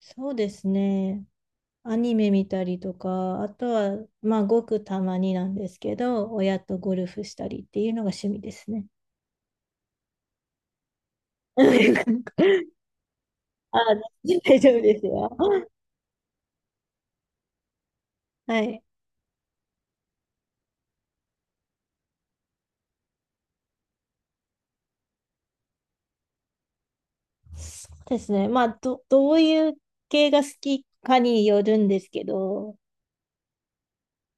そうですね。アニメ見たりとか、あとは、まあ、ごくたまになんですけど、親とゴルフしたりっていうのが趣味ですね。あ、大丈夫ですよ。はい。そうですね。まあ、どういう系が好きかによるんですけど、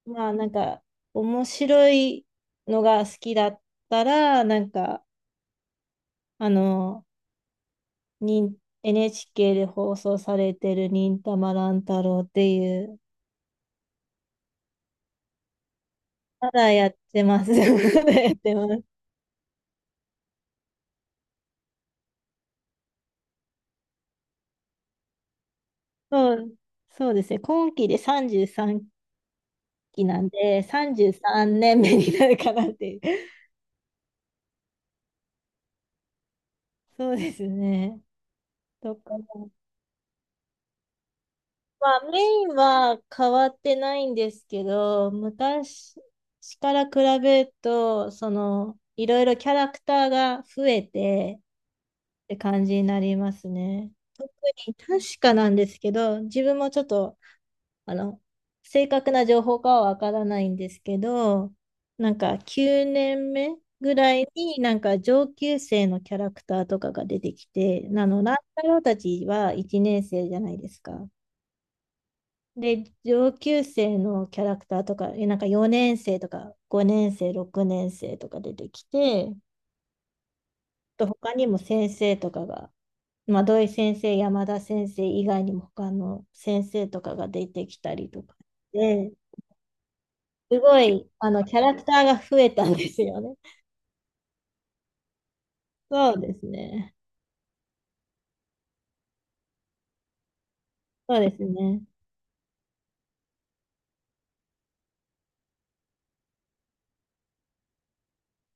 まあ、面白いのが好きだったら、あの、に NHK で放送されてる忍たま乱太郎っていう、まだやってます。まだやってます。そう、そうですね。今期で33期なんで、33年目になるかなっていう。そうですね。とか、まあメインは変わってないんですけど、昔から比べると、いろいろキャラクターが増えてって感じになりますね。特に確かなんですけど、自分もちょっとあの、正確な情報かはわからないんですけど、なんか9年目ぐらいになんか上級生のキャラクターとかが出てきて、乱太郎たちは1年生じゃないですか。で、上級生のキャラクターとか、なんか4年生とか5年生、6年生とか出てきて、と他にも先生とかが、まあ、土井先生、山田先生以外にも他の先生とかが出てきたりとかで、すごい、キャラクターが増えたんですよね。そうですね。そうですね。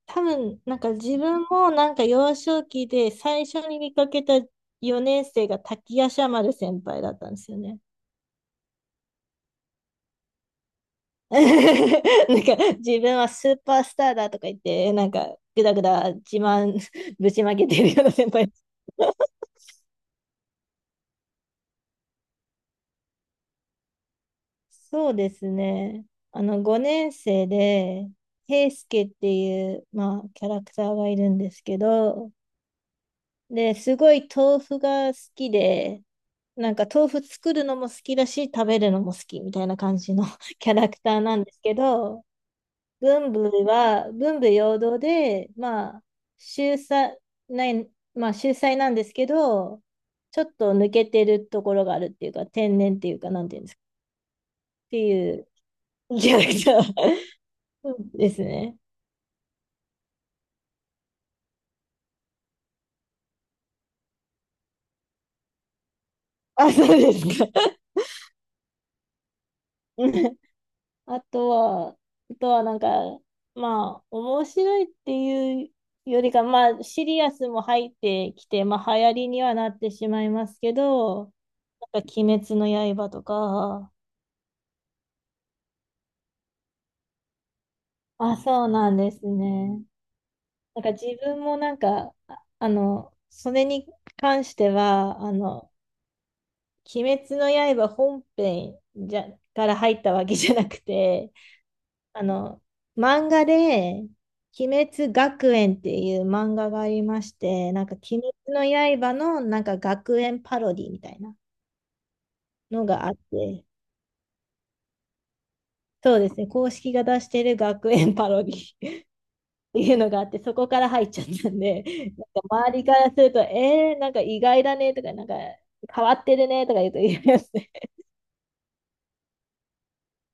多分、なんか自分もなんか幼少期で最初に見かけた4年生が滝夜叉丸先輩だったんですよね。なんか自分はスーパースターだとか言って、なんかぐだぐだ自慢 ぶちまけてるような先輩。そうですね。あの、5年生で、平助っていう、まあ、キャラクターがいるんですけど、で、すごい豆腐が好きで、なんか豆腐作るのも好きだし、食べるのも好きみたいな感じの キャラクターなんですけど、文武両道で、まあ、秀才、ない、まあ、秀才なんですけど、ちょっと抜けてるところがあるっていうか、天然っていうか、なんていうんですか、っていうキャラクター ですね。あ、そうですか。あとは、あとはなんか、まあ、面白いっていうよりか、まあ、シリアスも入ってきて、まあ、流行りにはなってしまいますけど、鬼滅の刃とか。あ、そうなんですね。自分もなんか、それに関しては、鬼滅の刃本編じゃ、から入ったわけじゃなくて、あの、漫画で、鬼滅学園っていう漫画がありまして、なんか鬼滅の刃のなんか学園パロディみたいなのがあって、そうですね、公式が出してる学園パロディ っていうのがあって、そこから入っちゃったんで、なんか周りからすると、なんか意外だねとか、なんか変わってるねとか言うと言いますね。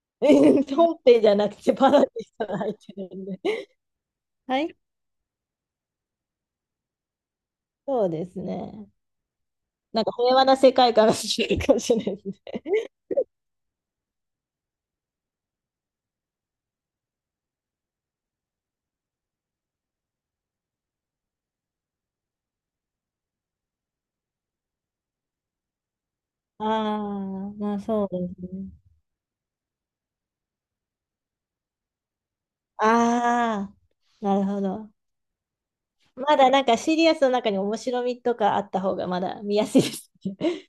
本編じゃなくてパロディから入ってるんで。はい、そうですね。なんか平和な世界観が好きかもしれないですね。ああ、まあそうですね。ああ、なるほど。まだなんかシリアスの中に面白みとかあった方がまだ見やすいですね。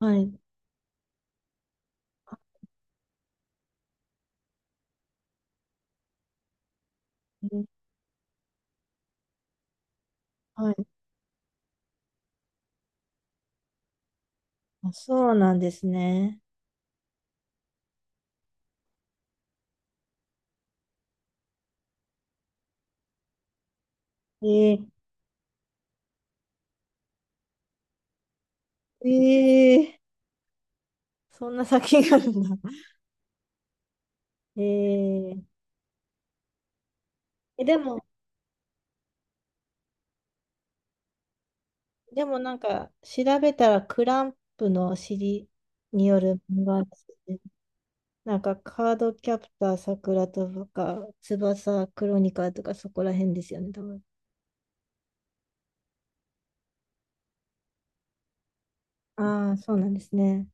はい。うん、はい。あ、そうなんですね。えー、えー、そんな作品があるんだ。えー、えでも、でもなんか調べたらクランプの尻による漫画ですね。なんかカードキャプターさくらとか翼クロニカルとかそこら辺ですよね、多分。ああ、そうなんですね。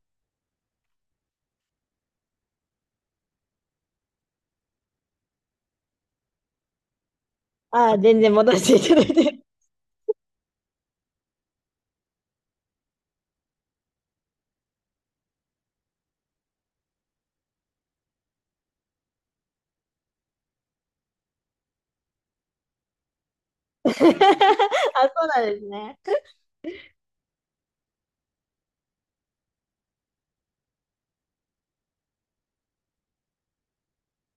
ああ、全然戻していただいて。あ、そうなんですね。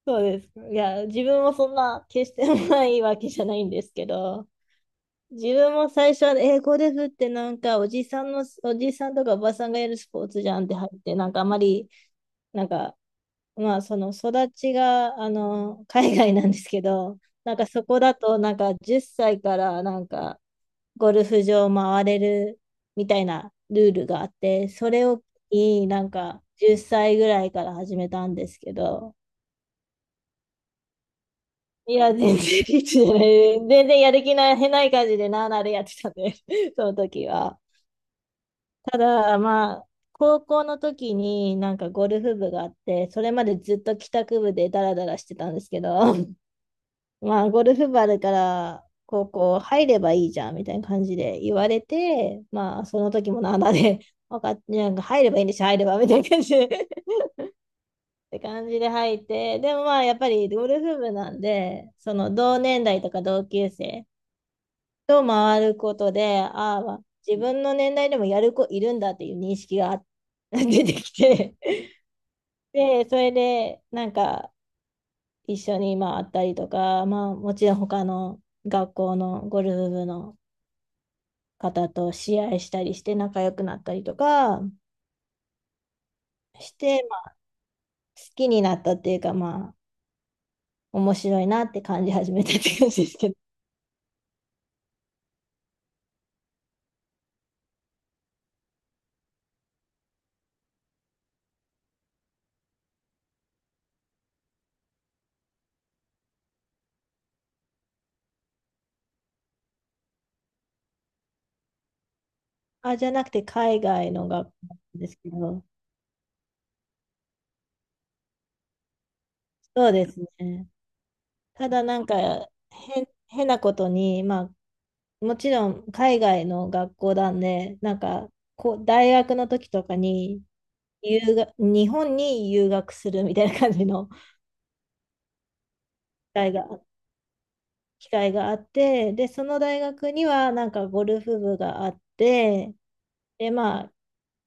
そうですか。いや、自分もそんな決してないわけじゃないんですけど、自分も最初は英語で振ってなんかおじさんとかおばさんがやるスポーツじゃんって入って、なんかあまり、なんか、まあその育ちが、海外なんですけど、なんかそこだとなんか10歳からなんかゴルフ場回れるみたいなルールがあって、それをになんか10歳ぐらいから始めたんですけど、いや、全然リッチじゃない。全然やる気ない、変ない感じでなあなあでやってたね、その時は。ただ、まあ、高校の時になんかゴルフ部があって、それまでずっと帰宅部でダラダラしてたんですけど、まあ、ゴルフ部あるから、高校入ればいいじゃん、みたいな感じで言われて、まあ、その時もなんだで、分かっなんか入ればいいんでしょ、入れば、みたいな感じで って感じで入って、でもまあ、やっぱりゴルフ部なんで、その同年代とか同級生と回ることで、ああ、まあ、自分の年代でもやる子いるんだっていう認識があ 出てきて、で、それで、なんか、一緒にまあ会ったりとか、まあ、もちろん学校のゴルフ部の方と試合したりして仲良くなったりとかして、まあ、好きになったっていうか、まあ、面白いなって感じ始めたって感じですけど、あ、じゃなくて海外の学校なんですけど、そうですね。ただなんか変なことに、まあ、もちろん海外の学校なんで、なんかこう大学の時とかに、日本に留学するみたいな感じの会があっ機会があって、で、その大学にはなんかゴルフ部があって、で、まあ、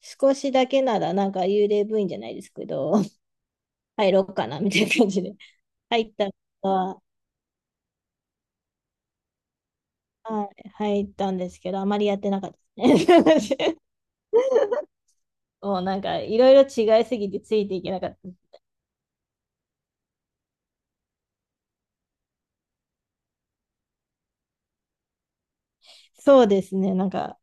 少しだけならなんか幽霊部員じゃないですけど、入ろうかなみたいな感じで入ったのははい、入ったんですけど、あまりやってなかったですね。もうなんかいろいろ違いすぎてついていけなかった。そうですね、なんか、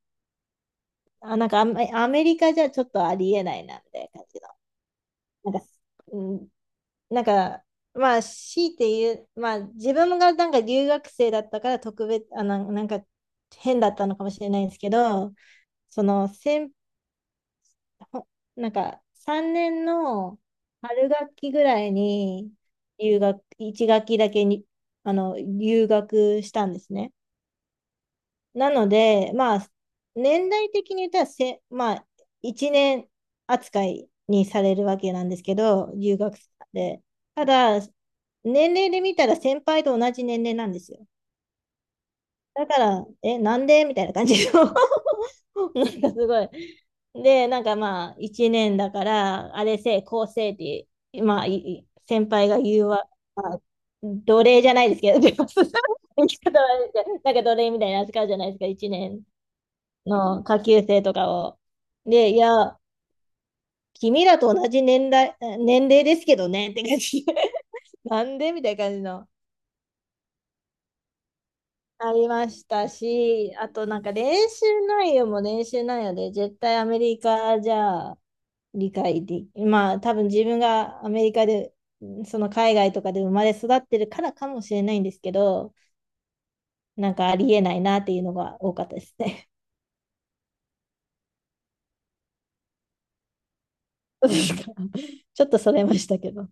あ、なんかアメリカじゃちょっとありえないなみたいな感じの、なんか、うんなんか、まあ、強いて言う、まあ、自分がなんか留学生だったから特別、なんか変だったのかもしれないんですけど、その、先ほなんか3年の春学期ぐらいに留学、1学期だけに、あの、留学したんですね。なので、まあ、年代的に言ったら、まあ、1年扱いにされるわけなんですけど、留学生で。ただ、年齢で見たら先輩と同じ年齢なんですよ。だから、え、なんでみたいな感じの なんかすごい。で、なんかまあ、1年だから、あれせい、こうせいって、まあ、先輩が言うわ、まあ、奴隷じゃないですけど、言い方悪いですけどなんか奴隷みたいな扱いじゃないですか、1年の下級生とかを。で、いや、君らと同じ年齢ですけどねって感じ。なんでみたいな感じの。ありましたし、あとなんか練習内容も練習内容で、絶対アメリカじゃ理解でき、まあ多分自分がアメリカで、その海外とかで生まれ育ってるからかもしれないんですけど、なんかありえないなっていうのが多かったですね。ちょっとそれましたけど。